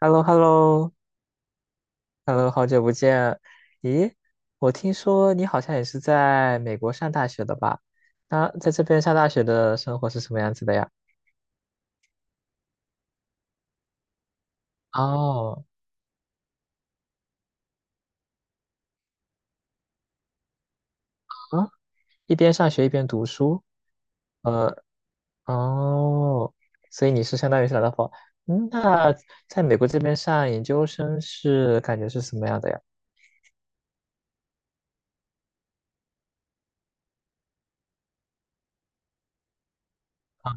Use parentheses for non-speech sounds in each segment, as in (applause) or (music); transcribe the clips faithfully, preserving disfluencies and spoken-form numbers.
h e l l o h e l l o h e l l o 好久不见。咦，我听说你好像也是在美国上大学的吧？那在这边上大学的生活是什么样子的呀？哦，啊，一边上学一边读书，呃，哦，所以你是相当于是来到法，嗯，那在美国这边上研究生是感觉是什么样的呀？啊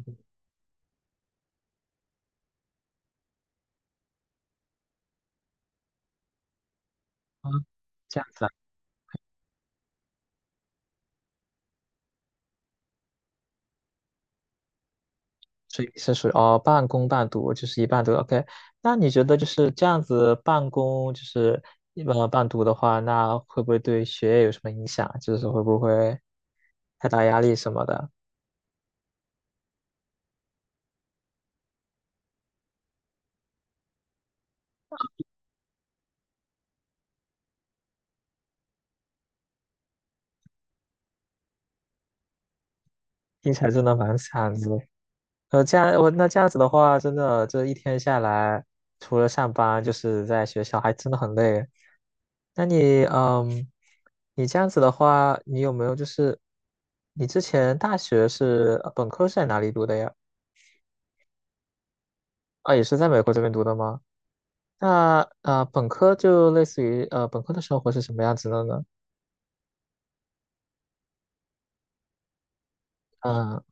啊，这样子啊。所以是属于哦半工半读，就是一半读。OK，那你觉得就是这样子半工就是一半半读的话，那会不会对学业有什么影响？就是会不会太大压力什么的？听起来真的蛮惨的。呃，这样我那这样子的话，真的这一天下来，除了上班就是在学校，还真的很累。那你嗯，你这样子的话，你有没有就是你之前大学是呃本科是在哪里读的呀？啊，也是在美国这边读的吗？那啊，呃本科就类似于呃，本科的生活是什么样子的呢？嗯，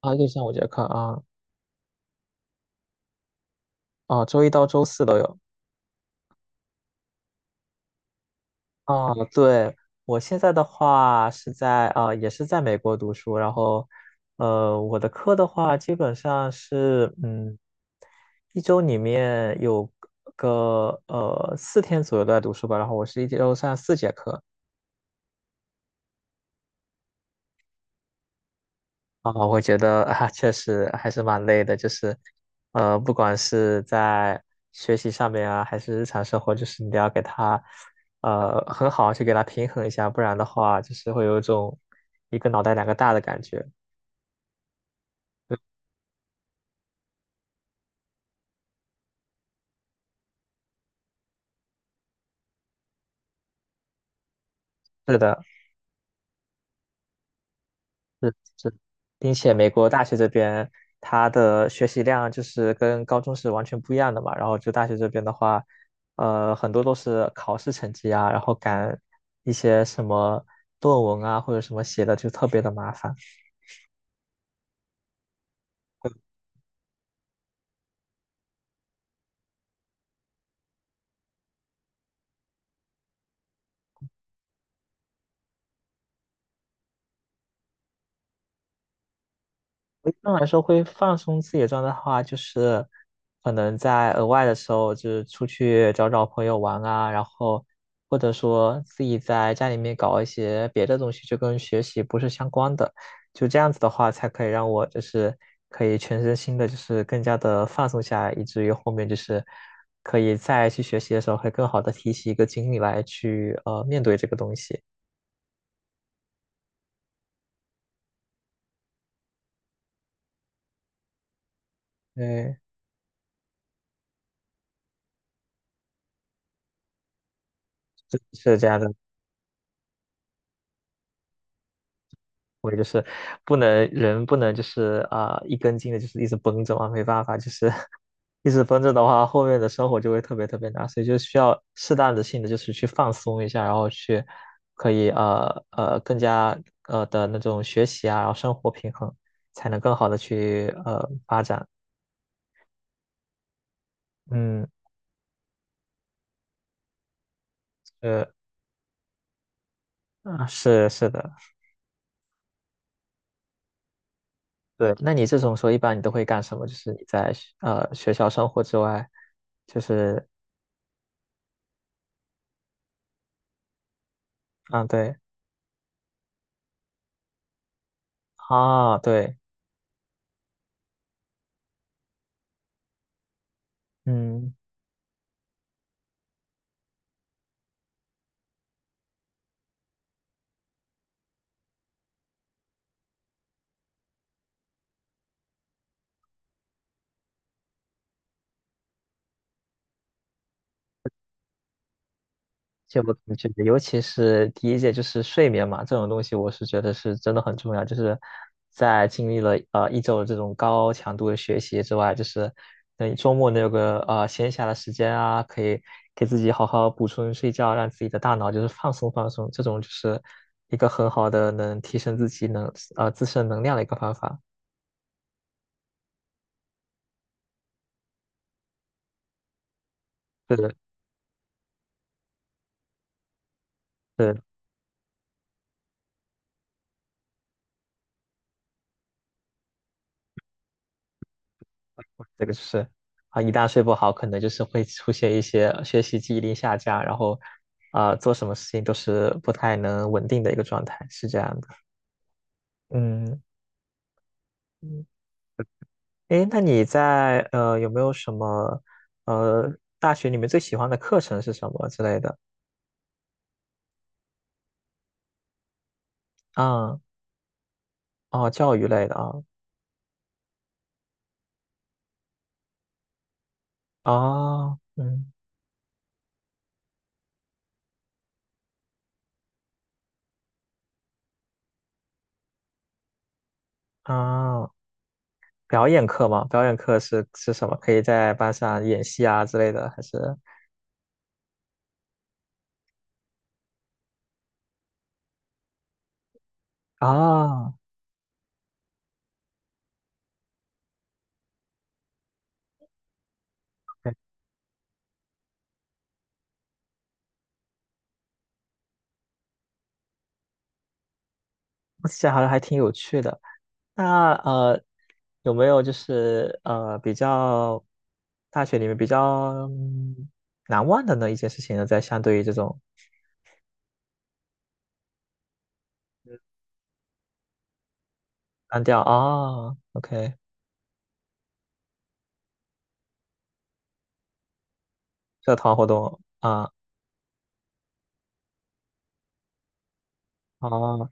啊，就像我节课啊，啊，周一到周四都有。啊，对，我现在的话是在啊，也是在美国读书，然后呃，我的课的话基本上是嗯，一周里面有个呃四天左右都在读书吧，然后我是一周上四节课，啊，我觉得啊，确实还是蛮累的，就是，呃，不管是在学习上面啊，还是日常生活，就是你都要给他，呃，很好去给他平衡一下，不然的话，就是会有一种一个脑袋两个大的感觉。(laughs) 是的，是是，并且美国大学这边它的学习量就是跟高中是完全不一样的嘛。然后就大学这边的话，呃，很多都是考试成绩啊，然后赶一些什么论文啊或者什么写的就特别的麻烦。我一般来说会放松自己的状态的话，就是可能在额外的时候，就是出去找找朋友玩啊，然后或者说自己在家里面搞一些别的东西，就跟学习不是相关的，就这样子的话，才可以让我就是可以全身心的，就是更加的放松下来，以至于后面就是可以再去学习的时候，会更好的提起一个精力来去呃面对这个东西。对，是这样的。我就是不能人不能就是啊、一根筋的，就是一直绷着嘛，没办法，就是 (laughs) 一直绷着的话，后面的生活就会特别特别难，所以就需要适当的性的就是去放松一下，然后去可以呃呃更加呃的那种学习啊，然后生活平衡，才能更好的去呃发展。嗯，呃啊是是的，对。那你这种时候一般你都会干什么？就是你在学呃学校生活之外，就是啊对啊对。嗯，这我感觉，尤其是第一届，就是睡眠嘛，这种东西，我是觉得是真的很重要。就是在经历了呃一周的这种高强度的学习之外，就是等你周末能有个呃闲暇的时间啊，可以给自己好好补充睡觉，让自己的大脑就是放松放松，这种就是一个很好的能提升自己能呃自身能量的一个方法。对的，是的这个就是啊，一旦睡不好，可能就是会出现一些学习记忆力下降，然后啊、做什么事情都是不太能稳定的一个状态，是这样的。嗯嗯，诶，那你在呃有没有什么呃大学里面最喜欢的课程是什么之类的？啊哦，教育类的啊哦嗯啊，表演课吗？表演课是是什么？可以在班上演戏啊之类的，还是啊？对，我这好像还挺有趣的。那呃，有没有就是呃比较大学里面比较嗯难忘的呢一件事情呢？在相对于这种单调啊，OK，社团活动啊，哦，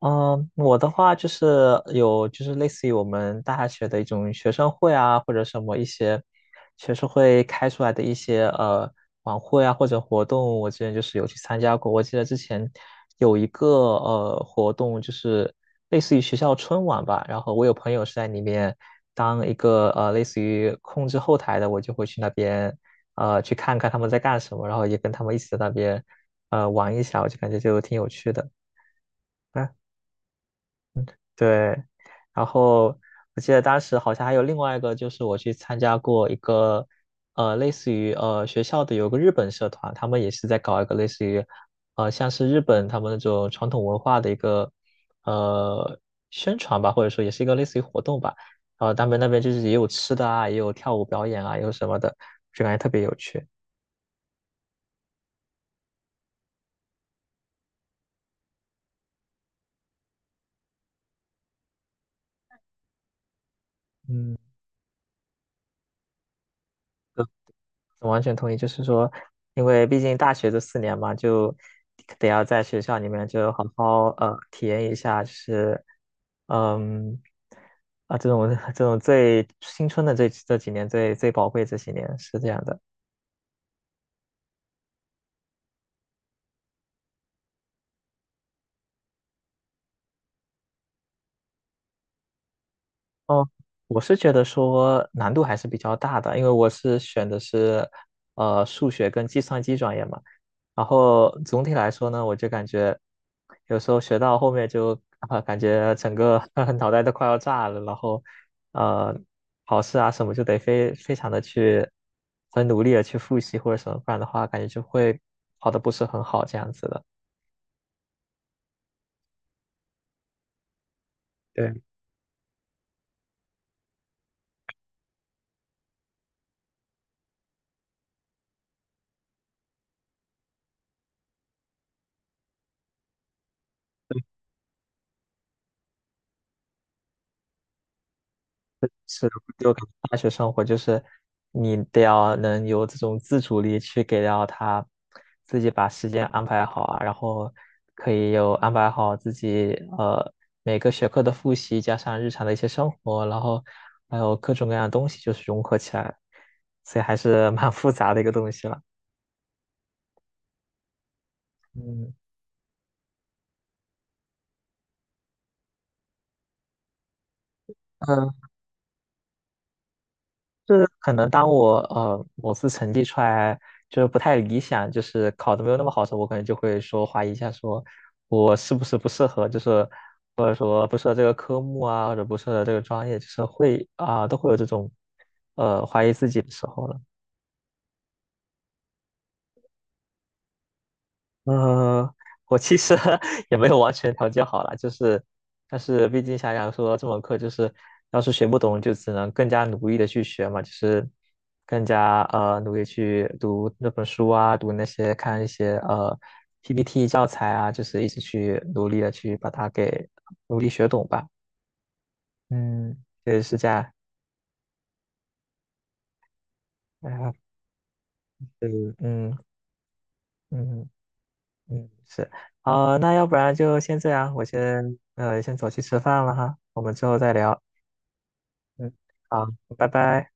嗯，我的话就是有，就是类似于我们大学的一种学生会啊，或者什么一些学生会开出来的一些呃晚会啊或者活动，我之前就是有去参加过。我记得之前有一个呃活动，就是类似于学校春晚吧，然后我有朋友是在里面当一个呃类似于控制后台的，我就会去那边呃去看看他们在干什么，然后也跟他们一起在那边呃玩一下，我就感觉就挺有趣的。对，然后我记得当时好像还有另外一个，就是我去参加过一个，呃，类似于呃学校的有个日本社团，他们也是在搞一个类似于，呃，像是日本他们那种传统文化的一个呃宣传吧，或者说也是一个类似于活动吧。然后他们那边就是也有吃的啊，也有跳舞表演啊，也有什么的，就感觉特别有趣。嗯，我完全同意，就是说，因为毕竟大学这四年嘛，就得要在学校里面就好好呃体验一下，就是嗯啊这种 (laughs) 这种最青春的这这几年最最宝贵这几年是这样的。哦，我是觉得说难度还是比较大的，因为我是选的是呃数学跟计算机专业嘛。然后总体来说呢，我就感觉有时候学到后面就啊、感觉整个 (laughs) 脑袋都快要炸了，然后呃考试啊什么就得非非常的去很努力的去复习或者什么，不然的话感觉就会考的不是很好这样子的。对。就感觉大学生活就是你得要能有这种自主力去给到他自己把时间安排好啊，然后可以有安排好自己呃每个学科的复习，加上日常的一些生活，然后还有各种各样的东西就是融合起来，所以还是蛮复杂的一个东西了。嗯，就是可能当我呃某次成绩出来就是不太理想，就是考的没有那么好的时候，我可能就会说怀疑一下，说我是不是不适合，就是或者说不适合这个科目啊，或者不适合这个专业，就是会啊、都会有这种呃怀疑自己的时候了。呃，我其实 (laughs) 也没有完全调节好了，就是，但是毕竟想想说这门课就是，要是学不懂，就只能更加努力的去学嘛，就是更加呃努力去读那本书啊，读那些看一些呃 P P T 教材啊，就是一直去努力的去把它给努力学懂吧。嗯，对，是这样。啊，对，嗯嗯嗯，是。好，那要不然就先这样，我先呃先走去吃饭了哈，我们之后再聊。嗯，好，拜拜。